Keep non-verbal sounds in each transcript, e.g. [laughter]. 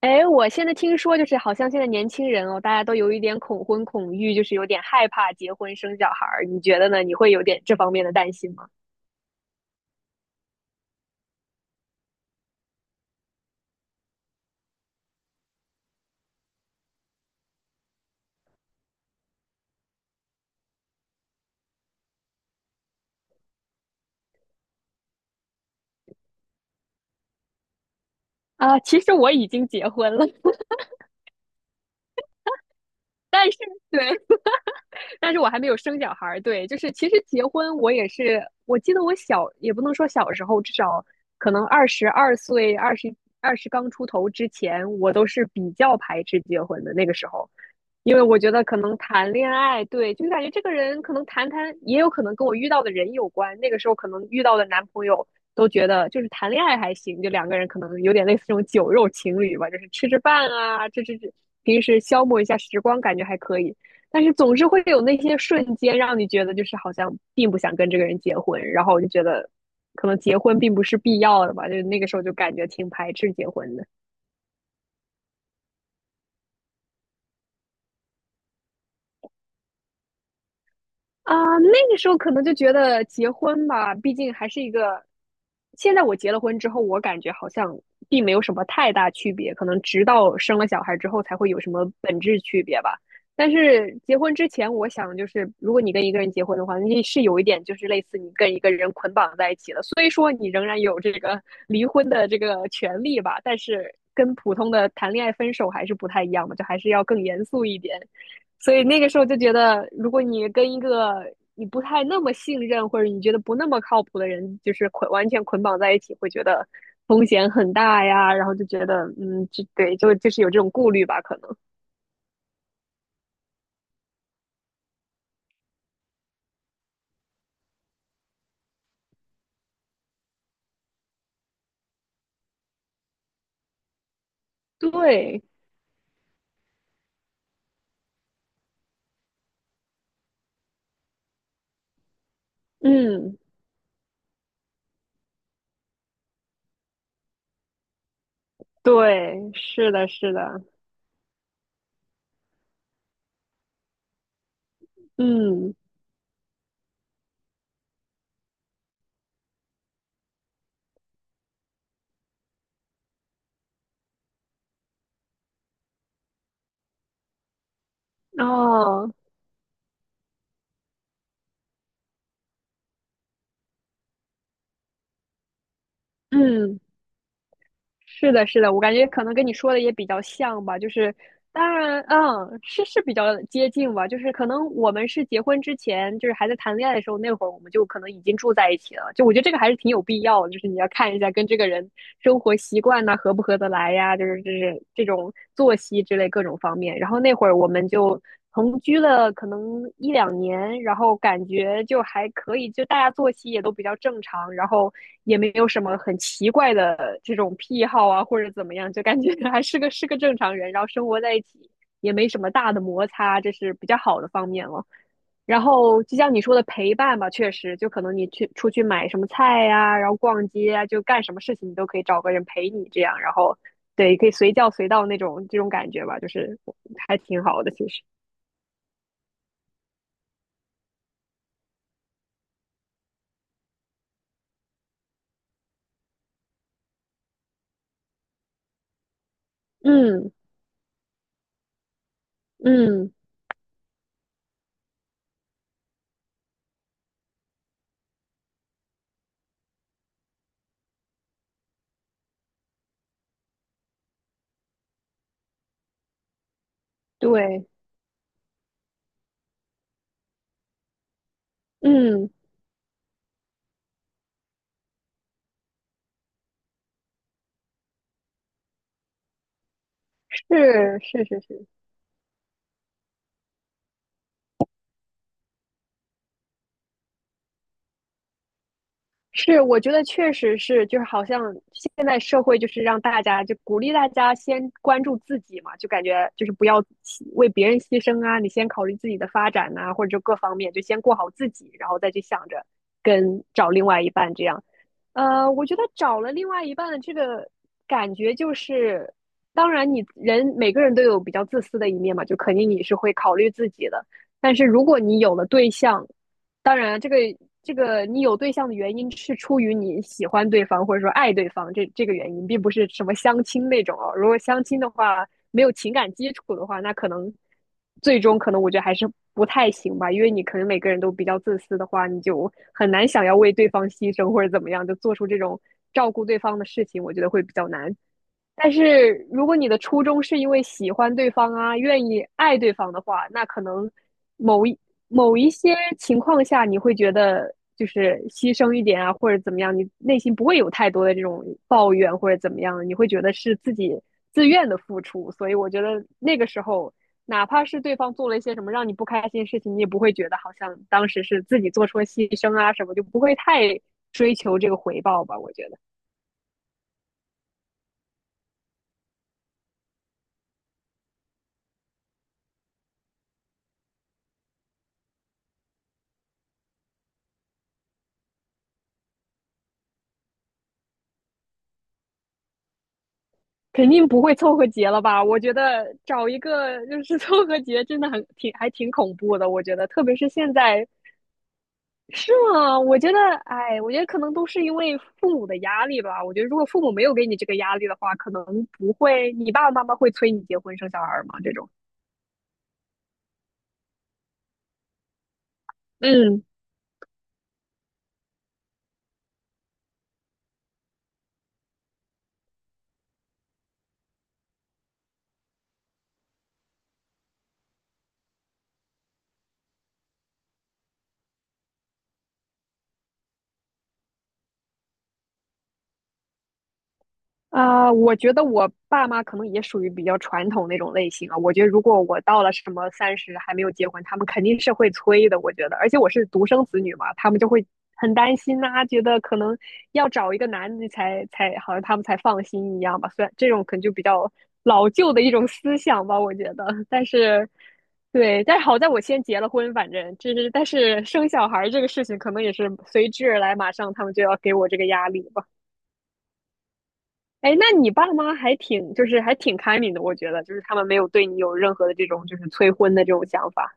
哎，我现在听说，就是好像现在年轻人哦，大家都有一点恐婚恐育，就是有点害怕结婚生小孩儿。你觉得呢？你会有点这方面的担心吗？啊，其实我已经结婚了，但是对，但是我还没有生小孩儿。对，就是其实结婚我也是，我记得我小也不能说小时候，至少可能22岁、二十刚出头之前，我都是比较排斥结婚的那个时候，因为我觉得可能谈恋爱，对，就是感觉这个人可能谈谈，也有可能跟我遇到的人有关。那个时候可能遇到的男朋友。都觉得就是谈恋爱还行，就两个人可能有点类似这种酒肉情侣吧，就是吃吃饭啊，这，平时消磨一下时光，感觉还可以。但是总是会有那些瞬间让你觉得就是好像并不想跟这个人结婚，然后我就觉得可能结婚并不是必要的吧，就那个时候就感觉挺排斥结婚的。啊，那个时候可能就觉得结婚吧，毕竟还是一个。现在我结了婚之后，我感觉好像并没有什么太大区别，可能直到生了小孩之后才会有什么本质区别吧。但是结婚之前，我想就是，如果你跟一个人结婚的话，那是有一点就是类似你跟一个人捆绑在一起了，所以说你仍然有这个 [laughs] 离婚的这个权利吧，但是跟普通的谈恋爱分手还是不太一样的，就还是要更严肃一点。所以那个时候就觉得，如果你跟一个你不太那么信任，或者你觉得不那么靠谱的人，就是完全捆绑在一起，会觉得风险很大呀，然后就觉得，嗯，就对，就是有这种顾虑吧，可能。对，嗯，对，是的，是的，嗯，哦，嗯。是的，是的，我感觉可能跟你说的也比较像吧，就是当然，嗯，是比较接近吧，就是可能我们是结婚之前，就是还在谈恋爱的时候，那会儿我们就可能已经住在一起了，就我觉得这个还是挺有必要的就是你要看一下跟这个人生活习惯呐、合不合得来呀，就是这种作息之类各种方面。然后那会儿我们就同居了可能1、2年，然后感觉就还可以，就大家作息也都比较正常，然后也没有什么很奇怪的这种癖好啊，或者怎么样，就感觉 [laughs] 还是是个正常人，然后生活在一起也没什么大的摩擦，这是比较好的方面了。然后就像你说的陪伴吧，确实，就可能你去出去买什么菜呀、然后逛街啊，就干什么事情你都可以找个人陪你这样，然后对，可以随叫随到那种这种感觉吧，就是还挺好的，其实。嗯嗯，对，嗯，是是，我觉得确实是，就是好像现在社会就是让大家就鼓励大家先关注自己嘛，就感觉就是不要别人牺牲啊，你先考虑自己的发展呐、或者就各方面，就先过好自己，然后再去想着跟找另外一半这样。呃，我觉得找了另外一半的这个感觉就是，当然你人每个人都有比较自私的一面嘛，就肯定你是会考虑自己的。但是如果你有了对象，当然这个你有对象的原因是出于你喜欢对方或者说爱对方这个原因，并不是什么相亲那种哦。如果相亲的话，没有情感基础的话，那可能最终可能我觉得还是不太行吧，因为你可能每个人都比较自私的话，你就很难想要为对方牺牲或者怎么样，就做出这种照顾对方的事情，我觉得会比较难。但是如果你的初衷是因为喜欢对方啊，愿意爱对方的话，那可能某一某一些情况下，你会觉得就是牺牲一点啊，或者怎么样，你内心不会有太多的这种抱怨或者怎么样，你会觉得是自己自愿的付出。所以我觉得那个时候，哪怕是对方做了一些什么让你不开心的事情，你也不会觉得好像当时是自己做出了牺牲啊什么，就不会太追求这个回报吧，我觉得。肯定不会凑合结了吧？我觉得找一个就是凑合结，真的还挺恐怖的。我觉得，特别是现在，是吗？我觉得，哎，我觉得可能都是因为父母的压力吧。我觉得，如果父母没有给你这个压力的话，可能不会，你爸爸妈妈会催你结婚生小孩儿吗？这种，嗯。啊，我觉得我爸妈可能也属于比较传统那种类型啊。我觉得如果我到了什么三十还没有结婚，他们肯定是会催的。我觉得，而且我是独生子女嘛，他们就会很担心呐、觉得可能要找一个男的才好像他们才放心一样吧。虽然这种可能就比较老旧的一种思想吧，我觉得，但是。对，但是好在我先结了婚，反正就是，但是生小孩儿这个事情可能也是随之而来，马上他们就要给我这个压力吧。哎，那你爸妈还挺，就是还挺开明的，我觉得，就是他们没有对你有任何的这种就是催婚的这种想法。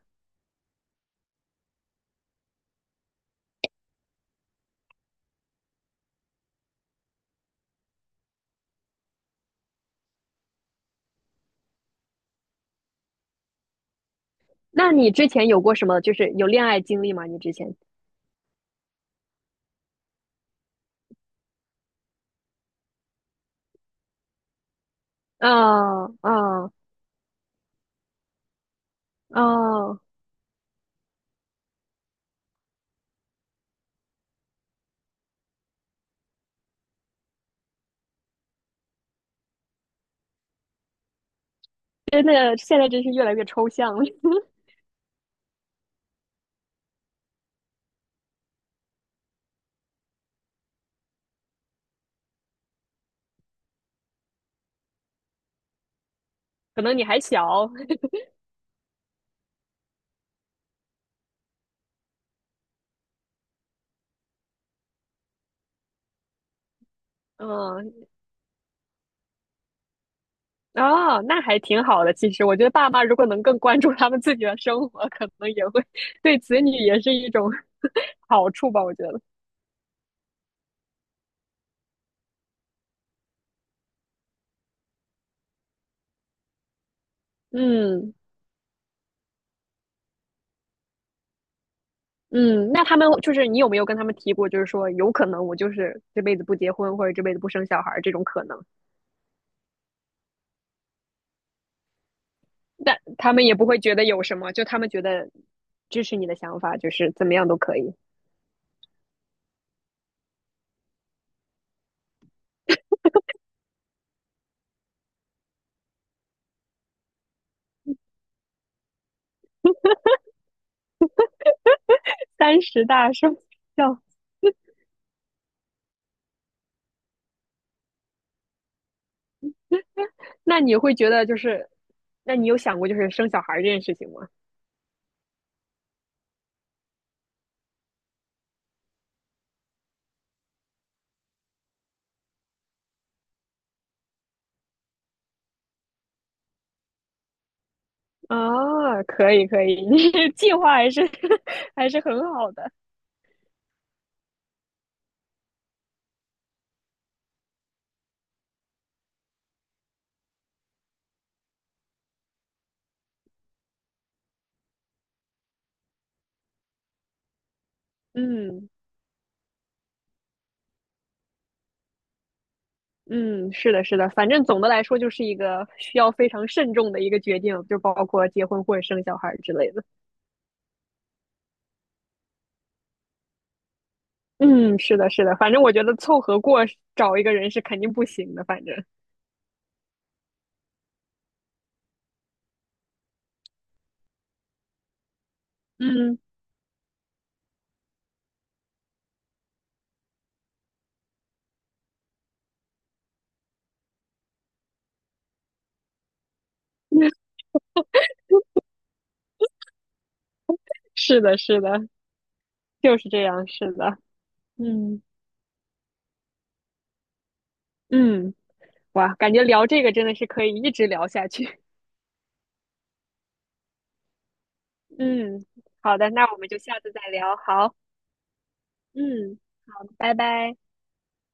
那你之前有过什么，就是有恋爱经历吗？你之前？啊啊啊！真的，现在真是越来越抽象了。[laughs] 可能你还小，嗯，哦，那还挺好的。其实，我觉得爸妈如果能更关注他们自己的生活，可能也会 [laughs] 对子女也是一种 [laughs] 好处吧。我觉得，嗯。嗯，那他们就是你有没有跟他们提过，就是说有可能我就是这辈子不结婚或者这辈子不生小孩儿这种可能，但他们也不会觉得有什么，就他们觉得支持你的想法，就是怎么样都可以。三十大生肖，那你会觉得就是，那你有想过就是生小孩儿这件事情吗？啊，可以可以，[laughs] 你计划还是 [laughs] 还是很好的。嗯。嗯，是的，是的，反正总的来说就是一个需要非常慎重的一个决定，就包括结婚或者生小孩儿之类的。嗯，是的，是的，反正我觉得凑合过找一个人是肯定不行的，反正，嗯，[laughs] 是的，是的，就是这样，是的，嗯嗯，哇，感觉聊这个真的是可以一直聊下去。[laughs] 嗯，好的，那我们就下次再聊，好，嗯，好，拜拜。